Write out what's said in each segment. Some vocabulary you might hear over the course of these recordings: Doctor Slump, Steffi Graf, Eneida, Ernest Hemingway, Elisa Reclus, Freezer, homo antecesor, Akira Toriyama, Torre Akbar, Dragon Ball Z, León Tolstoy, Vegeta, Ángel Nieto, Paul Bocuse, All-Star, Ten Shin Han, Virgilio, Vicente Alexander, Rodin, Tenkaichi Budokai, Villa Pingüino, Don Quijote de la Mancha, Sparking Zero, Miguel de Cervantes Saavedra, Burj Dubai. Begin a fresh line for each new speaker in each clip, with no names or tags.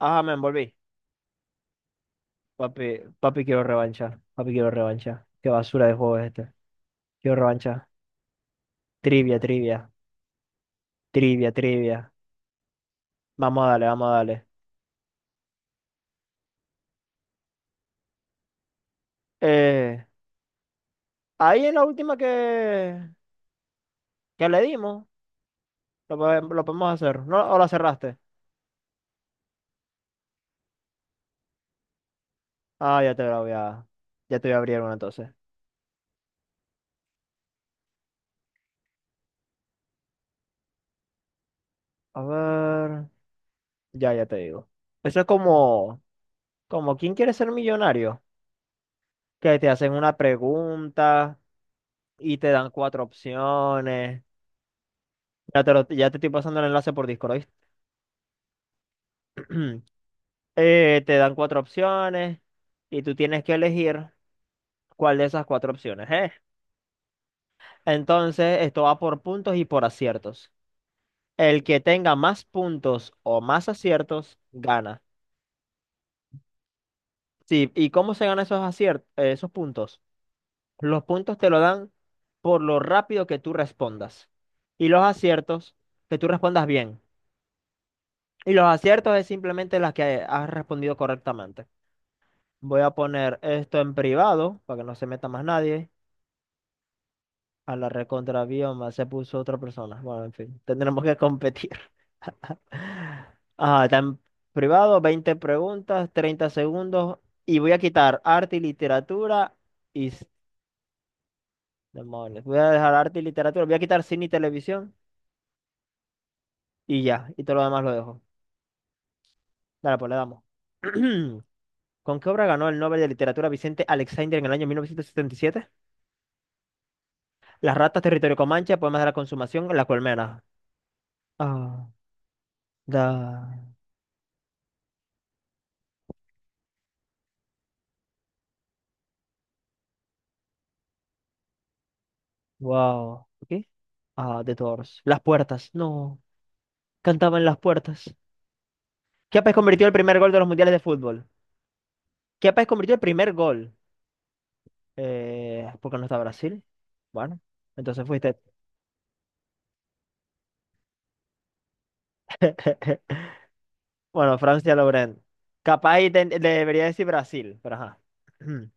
Ah, me envolví. Papi, papi, quiero revancha. Papi, quiero revancha. ¡Qué basura de juego es este! Quiero revancha. Trivia, trivia. Trivia, trivia. Vamos a darle, vamos a darle. Eh, ahí en la última que le dimos, lo podemos hacer. ¿No? ¿O la cerraste? Ah, ya te voy a abrir una entonces. A ver. Ya te digo. Eso es como... Como, ¿quién quiere ser millonario? Que te hacen una pregunta y te dan cuatro opciones. Ya te estoy pasando el enlace por Discord, ¿oíste? Te dan cuatro opciones y tú tienes que elegir cuál de esas cuatro opciones es. Entonces, esto va por puntos y por aciertos. El que tenga más puntos o más aciertos, gana. Sí, ¿y cómo se ganan esos aciertos, esos puntos? Los puntos te lo dan por lo rápido que tú respondas. Y los aciertos, que tú respondas bien. Y los aciertos es simplemente las que has respondido correctamente. Voy a poner esto en privado para que no se meta más nadie. A la recontra bioma se puso otra persona. Bueno, en fin, tendremos que competir. Ah, está en privado, 20 preguntas, 30 segundos. Y voy a quitar arte y literatura y... s- demonios. Voy a dejar arte y literatura. Voy a quitar cine y televisión y ya. Y todo lo demás lo dejo. Dale, pues le damos. ¿Con qué obra ganó el Nobel de Literatura Vicente Alexander en el año 1977? Las ratas, territorio Comanche, poemas de la consumación, la colmena. Ah. Da, wow. ¿Qué? Ah, The Doors. Las puertas. No. Cantaban las puertas. Chiapas convirtió el primer gol de los mundiales de fútbol. Chiapas convirtió el primer gol. Porque no está Brasil. Bueno, entonces fuiste. Bueno, Francia Laurent. Capaz y debería decir Brasil, pero ajá.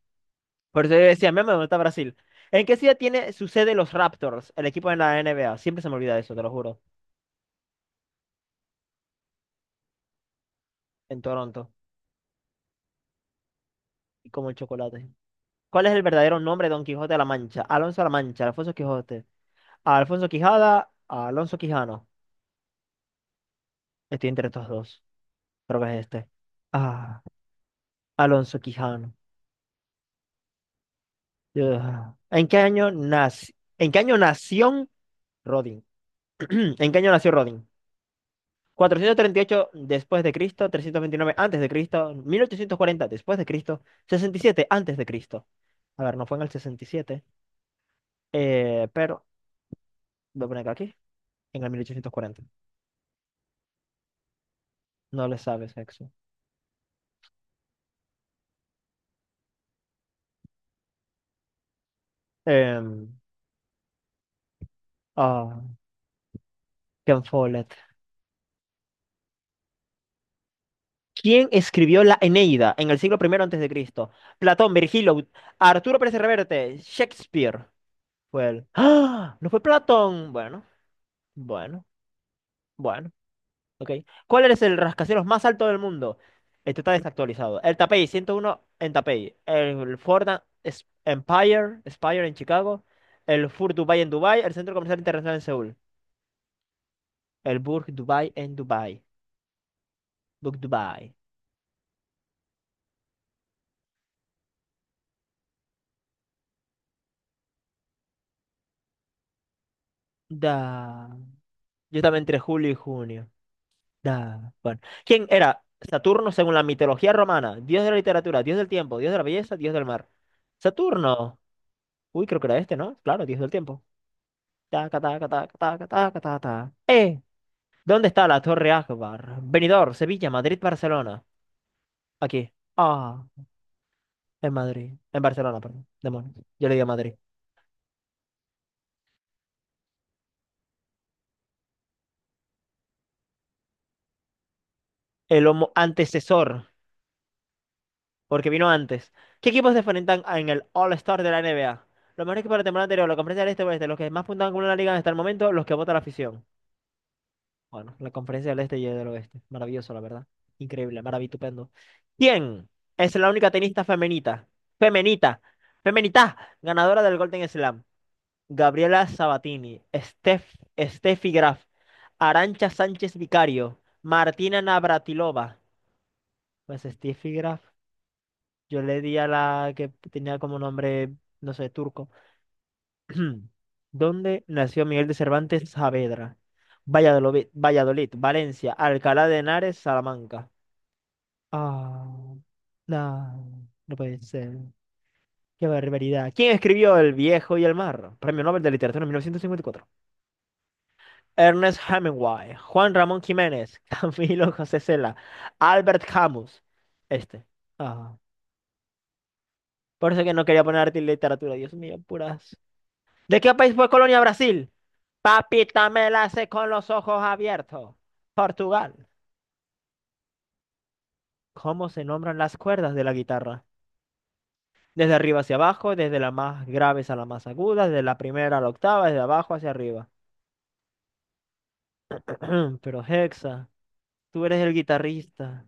Por eso yo decía, meme, ¿dónde está Brasil? ¿En qué ciudad tiene su sede los Raptors, el equipo de la NBA? Siempre se me olvida eso, te lo juro. En Toronto. Y como el chocolate. ¿Cuál es el verdadero nombre de Don Quijote de la Mancha? Alonso de la Mancha, Alfonso Quijote. Alfonso Quijada, Alonso Quijano. Estoy entre estos dos. Creo que es este. Ah, Alonso Quijano. Ugh. ¿En qué año nació? ¿En qué año nació Rodin? ¿En qué año nació Rodin? 438 después de Cristo, 329 antes de Cristo, 1840 después de Cristo, 67 antes de Cristo. A ver, no fue en el 67, pero voy a poner acá aquí, en el 1840. No le sabes, Hex. Em, ah, Ken Follett. ¿Quién escribió la Eneida en el siglo primero antes de Cristo? Platón, Virgilio, Arturo Pérez Reverte, Shakespeare. Fue él. ¡Ah! ¿No fue Platón? Bueno, bueno, bueno. Ok. ¿Cuál es el rascacielos más alto del mundo? Este está desactualizado. El Tapey 101 en Tapey. El Ford Empire, Spire en Chicago. El Fur Dubai en Dubai. El Centro Comercial Internacional en Seúl. El Burj Dubai en Dubai. Burj Dubai. Da. Yo estaba entre julio y junio. Da, bueno. ¿Quién era Saturno según la mitología romana? Dios de la literatura, dios del tiempo, dios de la belleza, dios del mar. Saturno. Uy, creo que era este, ¿no? Claro, dios del tiempo. Taca, taca, taca, taca, taca, taca, taca. ¡Eh! ¿Dónde está la Torre Akbar? Benidorm, Sevilla, Madrid, Barcelona. Aquí. Ah, en Madrid. En Barcelona, perdón. Demonios. Yo le digo Madrid. El homo antecesor porque vino antes. ¿Qué equipos se enfrentan en el All-Star de la NBA? Los mejores equipos de la temporada anterior, la conferencia del Este y Oeste, los que más puntos han acumulado la liga hasta el momento, los que vota la afición. Bueno, la conferencia del Este y del Oeste. Maravilloso, la verdad. Increíble, maravitupendo. ¿Quién es la única tenista femenita? Femenita. Femenita. Ganadora del Golden Slam. Gabriela Sabatini. Steffi Graf. Arancha Sánchez Vicario. Martina Navratilova. Pues Steffi Graf. Yo le di a la que tenía como nombre, no sé, turco. ¿Dónde nació Miguel de Cervantes Saavedra? Valladolid, Valladolid, Valencia, Alcalá de Henares, Salamanca. Ah, no, no puede ser. ¡Qué barbaridad! ¿Quién escribió El viejo y el mar? Premio Nobel de Literatura en 1954. Ernest Hemingway, Juan Ramón Jiménez, Camilo José Cela, Albert Camus. Este. Ah, por eso que no quería poner arte y literatura. Dios mío, puras. ¿De qué país fue colonia Brasil? Papita me la hace con los ojos abiertos. Portugal. ¿Cómo se nombran las cuerdas de la guitarra? Desde arriba hacia abajo, desde las más graves a las más agudas, desde la primera a la octava, desde abajo hacia arriba. Pero Hexa, tú eres el guitarrista.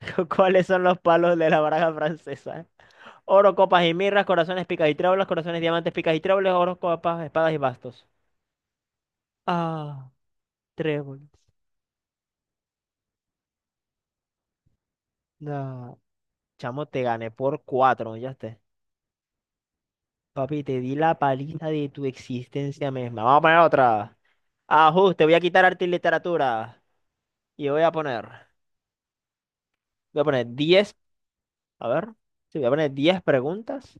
¿Cuáles son los palos de la baraja francesa? Oro, copas y mirras, corazones, picas y tréboles, corazones, diamantes, picas y tréboles, oro, copas, espadas y bastos. Ah, tréboles. No. Chamo, te gané por cuatro, ya está. Papi, te di la paliza de tu existencia misma. Vamos a poner otra. Ajuste, voy a quitar arte y literatura. Y voy a poner 10, a ver, sí, voy a poner 10 preguntas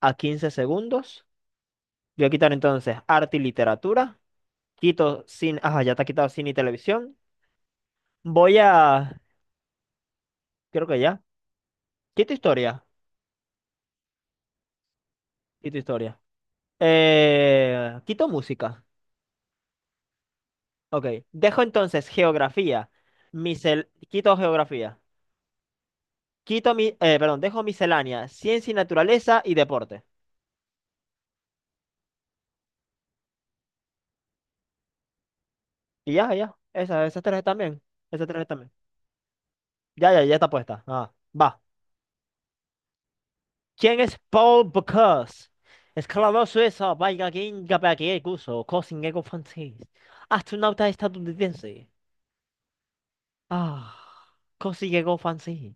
a 15 segundos. Voy a quitar entonces arte y literatura. Quito cine, ajá, ya está quitado cine y televisión. Voy a, Creo que ya. Quito historia, quito historia. Quito música, ok. Dejo entonces geografía. Misel, quito geografía. Perdón, dejo miscelánea, ciencia y naturaleza y deporte. Y ya, ya. Esas tres también. Esas tres también. Ya está puesta. Ah, va. ¿Quién es Paul Bocuse? Escalador suizo, vaya ginga que guso, cosingego francés. Astronauta estadounidense. Ah, cosingego francés.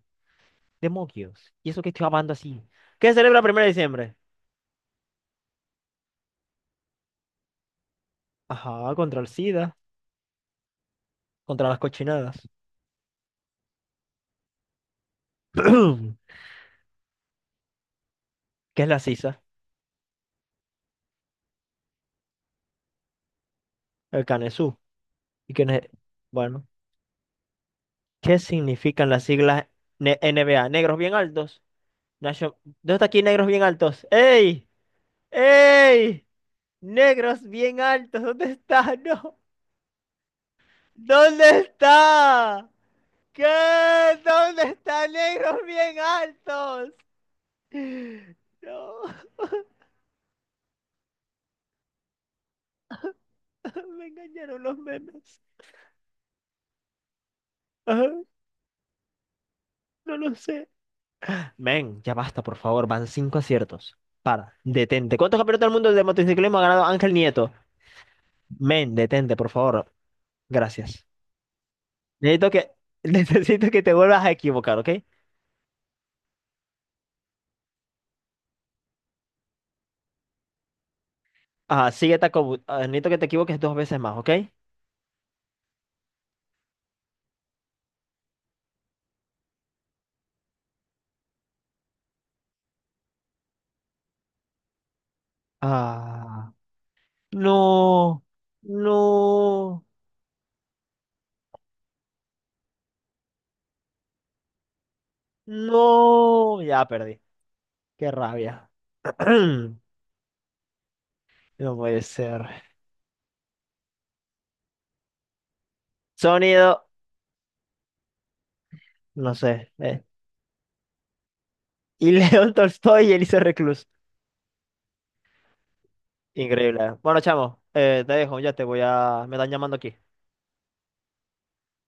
Demonios. ¿Y eso que estoy hablando así? ¿Qué se celebra el 1 de diciembre? Ajá, contra el SIDA, contra las cochinadas. ¿Qué es la sisa? El canesú. ¿Y quién es? Bueno. ¿Qué significan las siglas NBA? Negros bien altos. Nation- ¿Dónde está aquí negros bien altos? ¡Ey! ¡Ey! Negros bien altos. ¿Dónde está? No. ¿Dónde está? ¿Qué? ¿Dónde está negros bien altos? No. Me engañaron los memes. Ajá, no lo sé. Men, ya basta, por favor. Van cinco aciertos. Para, detente. ¿Cuántos campeonatos del mundo de motociclismo ha ganado Ángel Nieto? Men, detente, por favor. Gracias. Necesito que, necesito que te vuelvas a equivocar, ¿ok? Ah, necesito que te equivoques dos veces más, ¿ok? Ah, no, no, no. Ya perdí. ¡Qué rabia! No puede ser. Sonido, no sé. Y León Tolstoy y Elisa Reclus. Increíble. Bueno, chamo, te dejo. Me están llamando aquí.